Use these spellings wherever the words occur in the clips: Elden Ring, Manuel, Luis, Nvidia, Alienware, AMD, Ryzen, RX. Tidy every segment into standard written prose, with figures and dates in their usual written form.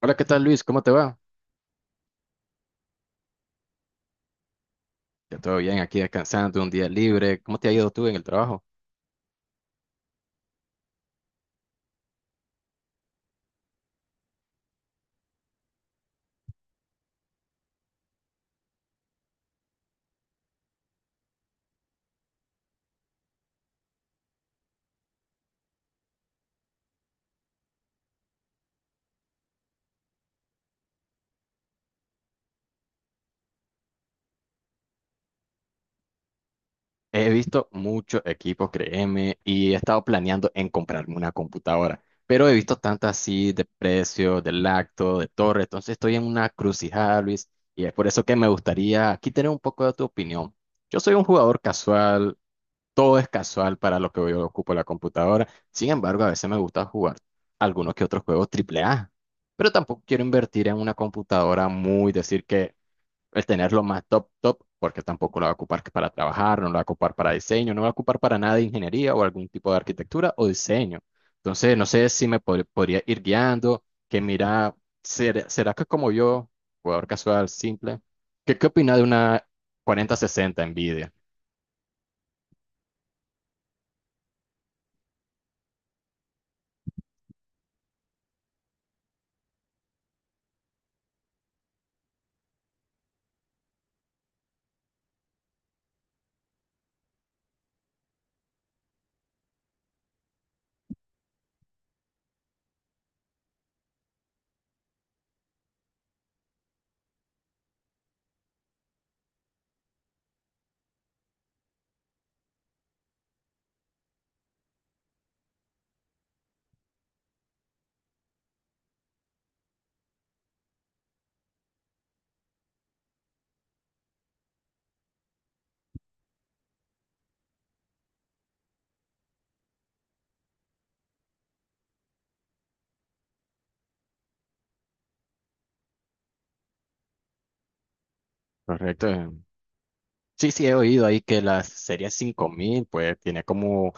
Hola, ¿qué tal Luis? ¿Cómo te va? Ya todo bien, aquí descansando, un día libre. ¿Cómo te ha ido tú en el trabajo? He visto muchos equipos, créeme, y he estado planeando en comprarme una computadora, pero he visto tantas así de precio, de lacto, de torre, entonces estoy en una crucijada, Luis, y es por eso que me gustaría aquí tener un poco de tu opinión. Yo soy un jugador casual, todo es casual para lo que yo ocupo la computadora, sin embargo, a veces me gusta jugar algunos que otros juegos AAA, pero tampoco quiero invertir en una computadora muy, decir que el tenerlo más top, top, porque tampoco lo va a ocupar que para trabajar, no lo va a ocupar para diseño, no lo va a ocupar para nada de ingeniería o algún tipo de arquitectura o diseño. Entonces, no sé si me podría ir guiando, que mira, ¿será que como yo, jugador casual, simple, ¿qué opina de una 4060 Nvidia? Correcto. Sí, sí, he oído ahí que la serie 5000, pues tiene como,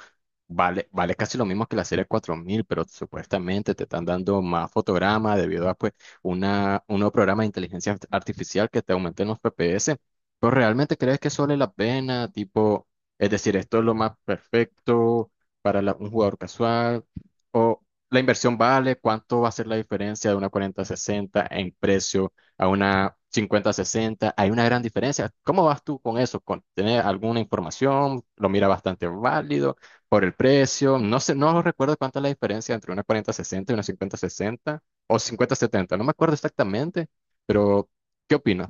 vale casi lo mismo que la serie 4000, pero supuestamente te están dando más fotogramas debido a pues un nuevo programa de inteligencia artificial que te aumenten los FPS. Pero realmente crees que solo vale la pena, tipo, es decir, esto es lo más perfecto para un jugador casual, o la inversión vale, cuánto va a ser la diferencia de una 4060 en precio a una 5060. Hay una gran diferencia. ¿Cómo vas tú con eso? ¿Con tener alguna información? ¿Lo mira bastante válido por el precio? No sé, no recuerdo cuánta es la diferencia entre una 4060 y una 5060 o 5070. No me acuerdo exactamente, pero ¿qué opinas?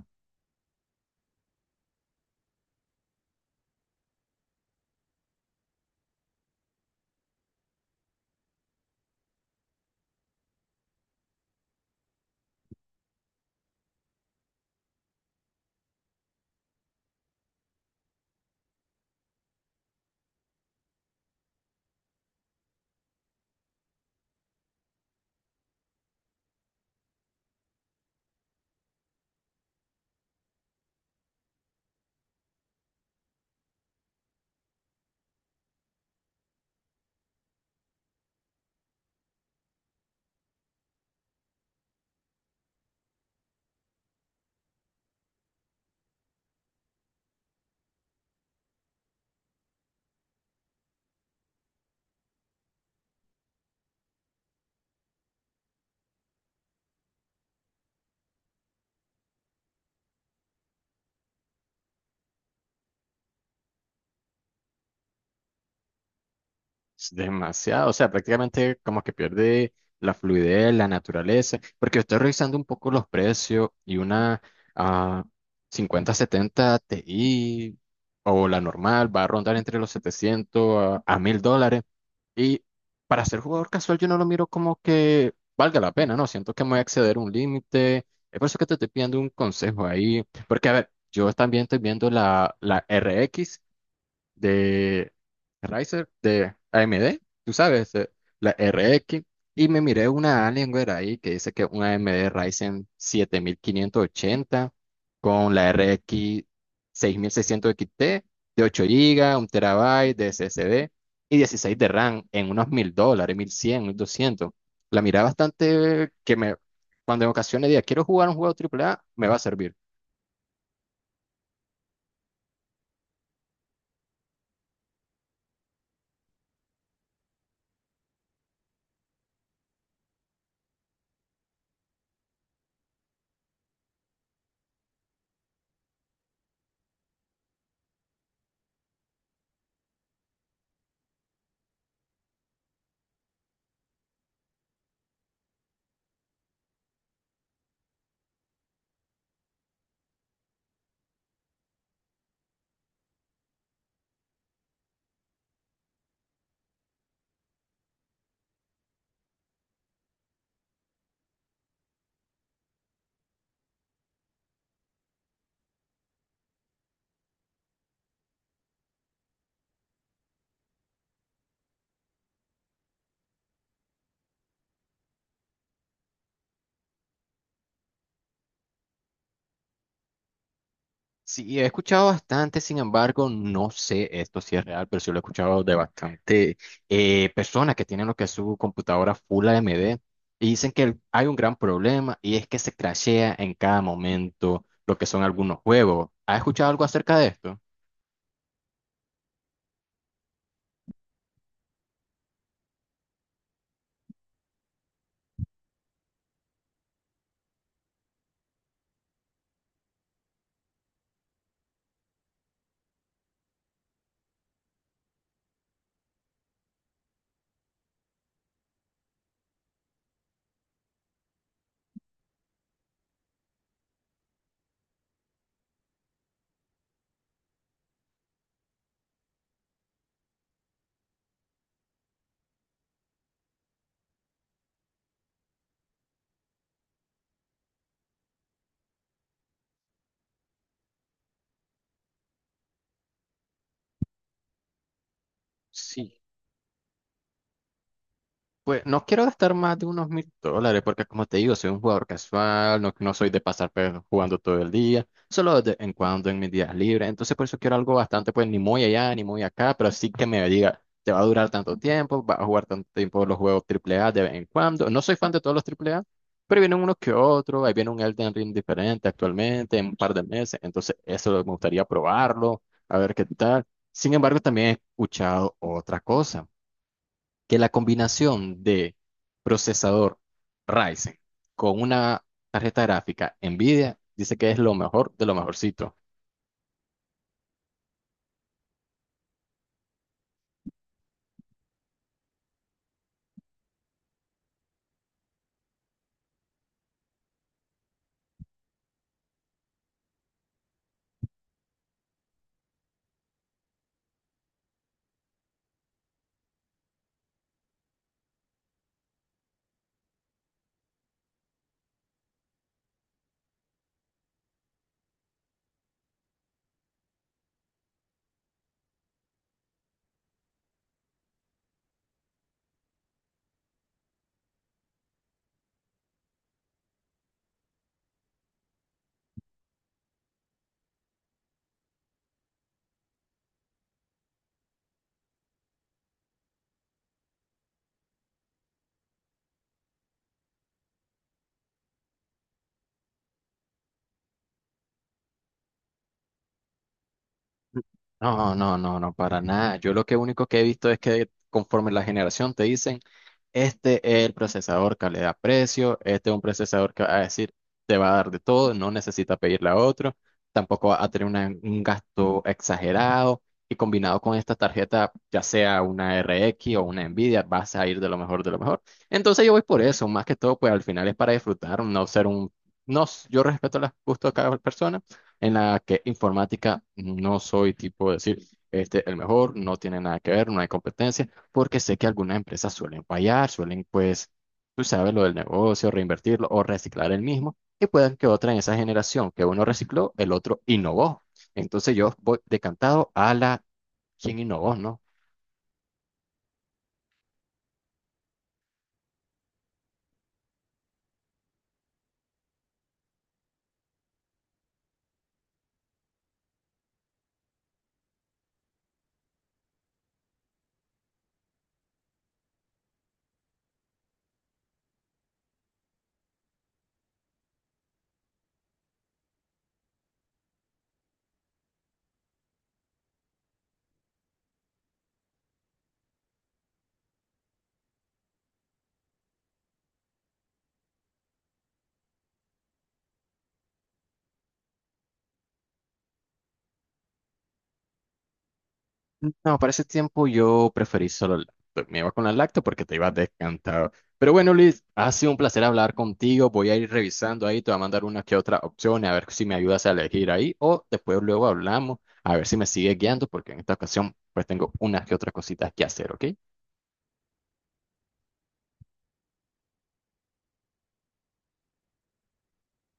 Es demasiado, o sea, prácticamente como que pierde la fluidez, la naturaleza, porque estoy revisando un poco los precios y una ah, 50-70 Ti o la normal va a rondar entre los 700 a $1,000. Y para ser jugador casual yo no lo miro como que valga la pena, ¿no? Siento que me voy a exceder un límite. Es por eso que te estoy pidiendo un consejo ahí, porque a ver, yo también estoy viendo la RX de Riser de AMD, tú sabes, la RX. Y me miré una Alienware ahí que dice que una AMD Ryzen 7580 con la RX 6600 XT de 8 GB, un terabyte de SSD y 16 de RAM en unos $1,000, 1,100, 1,200. La miré bastante que me, cuando en ocasiones diga, quiero jugar un juego AAA, me va a servir. Sí, he escuchado bastante, sin embargo, no sé esto si es real, pero sí lo he escuchado de bastante personas que tienen lo que es su computadora full AMD y dicen que hay un gran problema y es que se crashea en cada momento lo que son algunos juegos. ¿Has escuchado algo acerca de esto? Sí. Pues no quiero gastar más de unos $1,000 porque como te digo, soy un jugador casual, no soy de pasar pues, jugando todo el día, solo de vez en cuando en mis días libres. Entonces por eso quiero algo bastante, pues ni muy allá ni muy acá, pero sí que me diga, te va a durar tanto tiempo, vas a jugar tanto tiempo los juegos triple A de vez en cuando. No soy fan de todos los triple A pero vienen unos que otros, ahí viene un Elden Ring diferente actualmente en un par de meses, entonces eso me gustaría probarlo, a ver qué tal. Sin embargo, también he escuchado otra cosa que la combinación de procesador Ryzen con una tarjeta gráfica NVIDIA dice que es lo mejor de lo mejorcito. No, no, no, no, para nada. Yo lo que único que he visto es que conforme la generación te dicen, este es el procesador calidad-precio, este es un procesador que va a decir, te va a dar de todo, no necesita pedirle a otro, tampoco va a tener un gasto exagerado y combinado con esta tarjeta, ya sea una RX o una Nvidia, vas a ir de lo mejor de lo mejor. Entonces yo voy por eso, más que todo, pues al final es para disfrutar, no ser un... No, yo respeto los gustos de cada persona en la que informática no soy tipo de decir, este, el mejor, no tiene nada que ver, no hay competencia, porque sé que algunas empresas suelen fallar, suelen, pues, tú sabes, lo del negocio, reinvertirlo o reciclar el mismo, y pueden que otra en esa generación que uno recicló, el otro innovó. Entonces yo voy decantado a la quien innovó, ¿no? No, para ese tiempo yo preferí solo el lacto. Me iba con la lacto porque te ibas descantado. Pero bueno, Luis, ha sido un placer hablar contigo. Voy a ir revisando ahí, te voy a mandar una que otra opción, a ver si me ayudas a elegir ahí. O después luego hablamos, a ver si me sigue guiando, porque en esta ocasión pues tengo unas que otras cositas que hacer, ¿ok?